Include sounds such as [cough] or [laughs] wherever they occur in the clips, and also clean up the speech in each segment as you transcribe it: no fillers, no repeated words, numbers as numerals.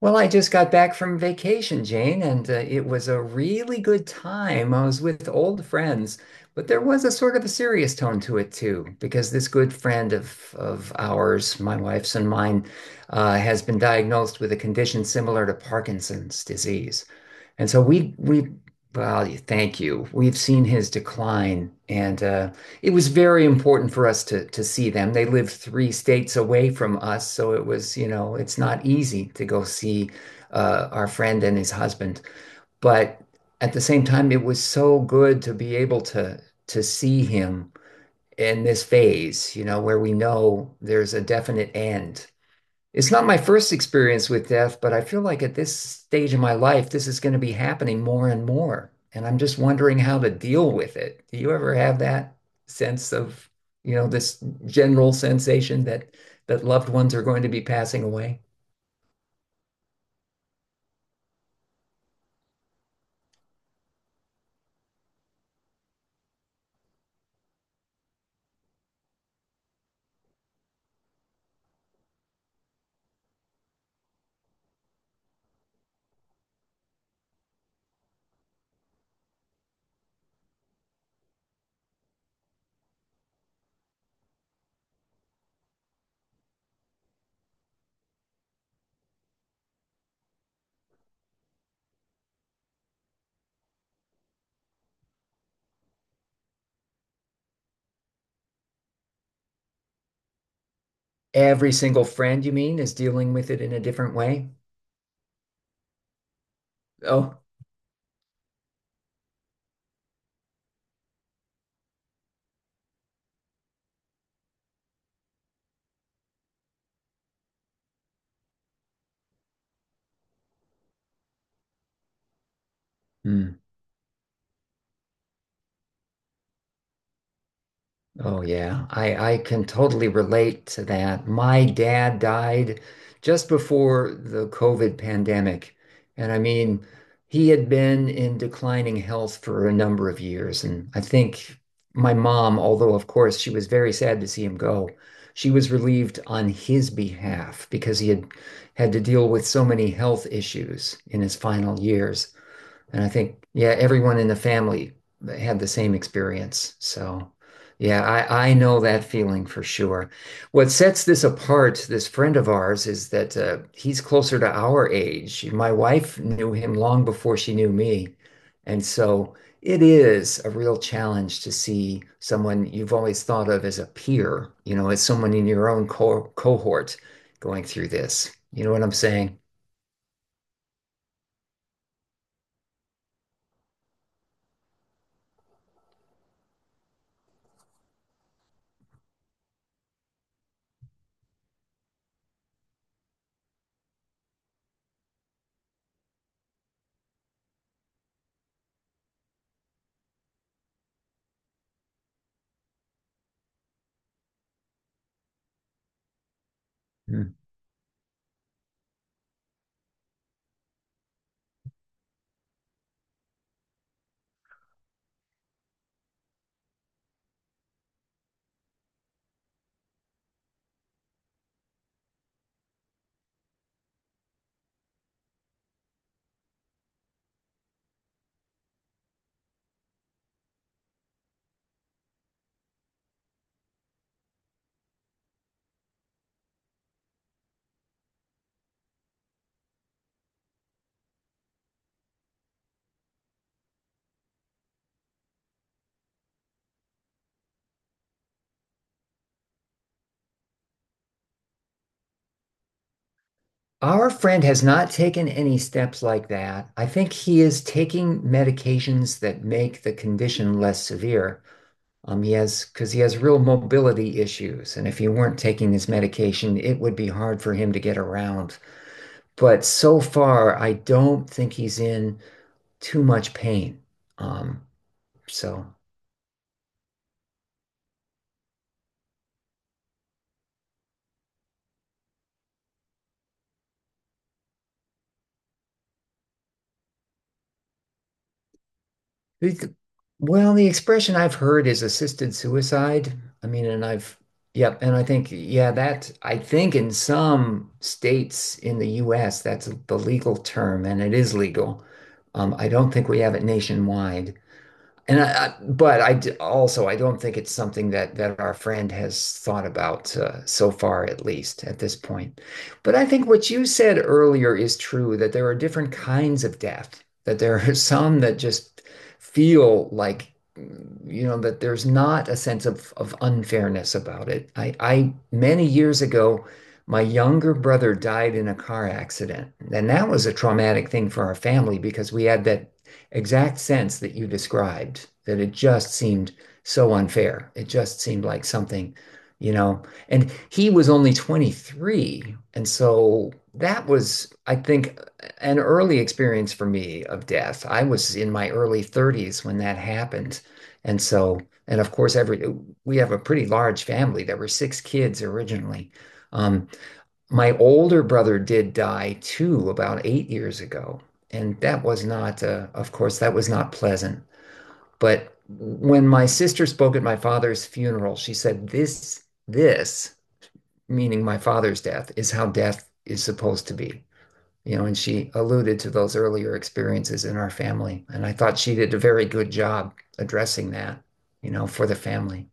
Well, I just got back from vacation, Jane, and it was a really good time. I was with old friends, but there was a sort of a serious tone to it too, because this good friend of ours, my wife's and mine, has been diagnosed with a condition similar to Parkinson's disease, and so we well, thank you. We've seen his decline, and it was very important for us to see them. They live three states away from us, so it was, you know, it's not easy to go see our friend and his husband. But at the same time, it was so good to be able to see him in this phase, you know, where we know there's a definite end. It's not my first experience with death, but I feel like at this stage of my life, this is going to be happening more and more. And I'm just wondering how to deal with it. Do you ever have that sense of, you know, this general sensation that loved ones are going to be passing away? Every single friend, you mean, is dealing with it in a different way? Oh, hmm. Oh yeah, I can totally relate to that. My dad died just before the COVID pandemic. And I mean, he had been in declining health for a number of years. And I think my mom, although of course she was very sad to see him go, she was relieved on his behalf because he had had to deal with so many health issues in his final years. And I think, yeah, everyone in the family had the same experience. So, yeah, I know that feeling for sure. What sets this apart, this friend of ours, is that he's closer to our age. My wife knew him long before she knew me. And so it is a real challenge to see someone you've always thought of as a peer, you know, as someone in your own co cohort going through this. You know what I'm saying? Our friend has not taken any steps like that. I think he is taking medications that make the condition less severe. He has, because he has real mobility issues. And if he weren't taking this medication, it would be hard for him to get around. But so far, I don't think he's in too much pain. Um, so It- Well, the expression I've heard is assisted suicide. I mean, yep, and I think, yeah, I think in some states in the US, that's the legal term and it is legal. I don't think we have it nationwide. And I- but I d- Also, I don't think it's something that our friend has thought about so far, at least at this point. But I think what you said earlier is true that there are different kinds of death, that there are [laughs] some that just feel like you know that there's not a sense of unfairness about it. I many years ago, my younger brother died in a car accident, and that was a traumatic thing for our family because we had that exact sense that you described, that it just seemed so unfair. It just seemed like something, you know. And he was only 23. And so that was, I think, an early experience for me of death. I was in my early 30s when that happened. And so, and of course, every we have a pretty large family. There were six kids originally. Um, my older brother did die too about 8 years ago. And that was not, of course, that was not pleasant. But when my sister spoke at my father's funeral, she said, This, meaning my father's death, is how death is supposed to be." You know, and she alluded to those earlier experiences in our family. And I thought she did a very good job addressing that, you know, for the family.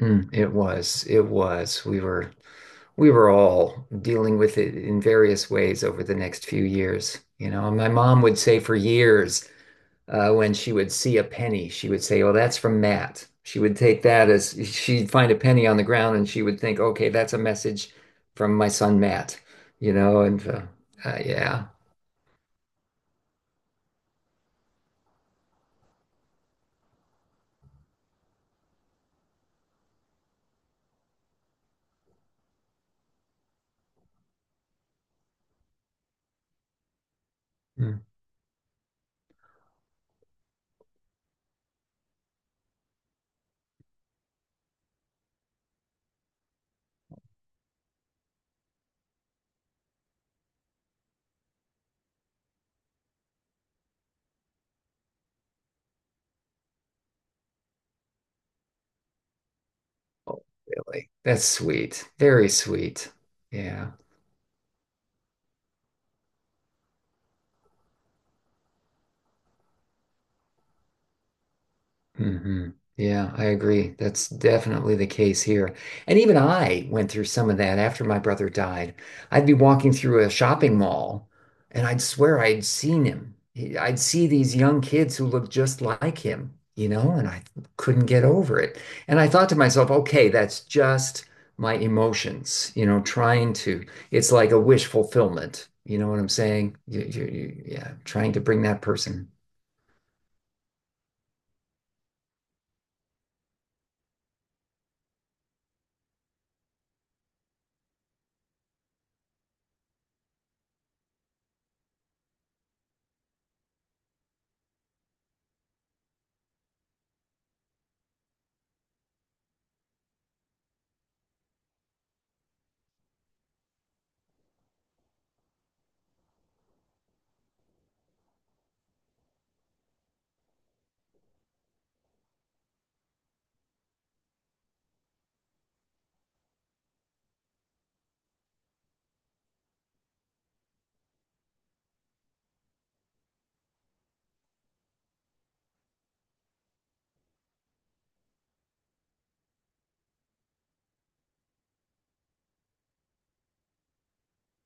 Mm, it was. We were all dealing with it in various ways over the next few years. You know, my mom would say for years, when she would see a penny, she would say, "Oh, that's from Matt." She would take that as she'd find a penny on the ground and she would think, "Okay, that's a message from my son Matt." You know, and yeah. Mm. Oh, really, that's sweet, very sweet. Yeah. Hmm. Yeah, I agree. That's definitely the case here. And even I went through some of that after my brother died. I'd be walking through a shopping mall and I'd swear I'd seen him. I'd see these young kids who looked just like him, you know, and I couldn't get over it. And I thought to myself, okay, that's just my emotions, you know, it's like a wish fulfillment. You know what I'm saying? Yeah, trying to bring that person.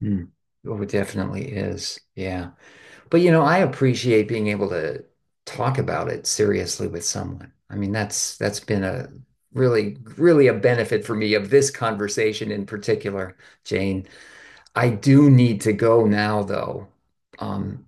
Mm. Oh, it definitely is. Yeah. But you know, I appreciate being able to talk about it seriously with someone. I mean, that's been a really a benefit for me of this conversation in particular, Jane. I do need to go now, though. Um,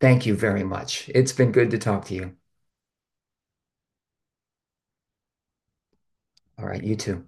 Thank you very much. It's been good to talk to you. All right, you too.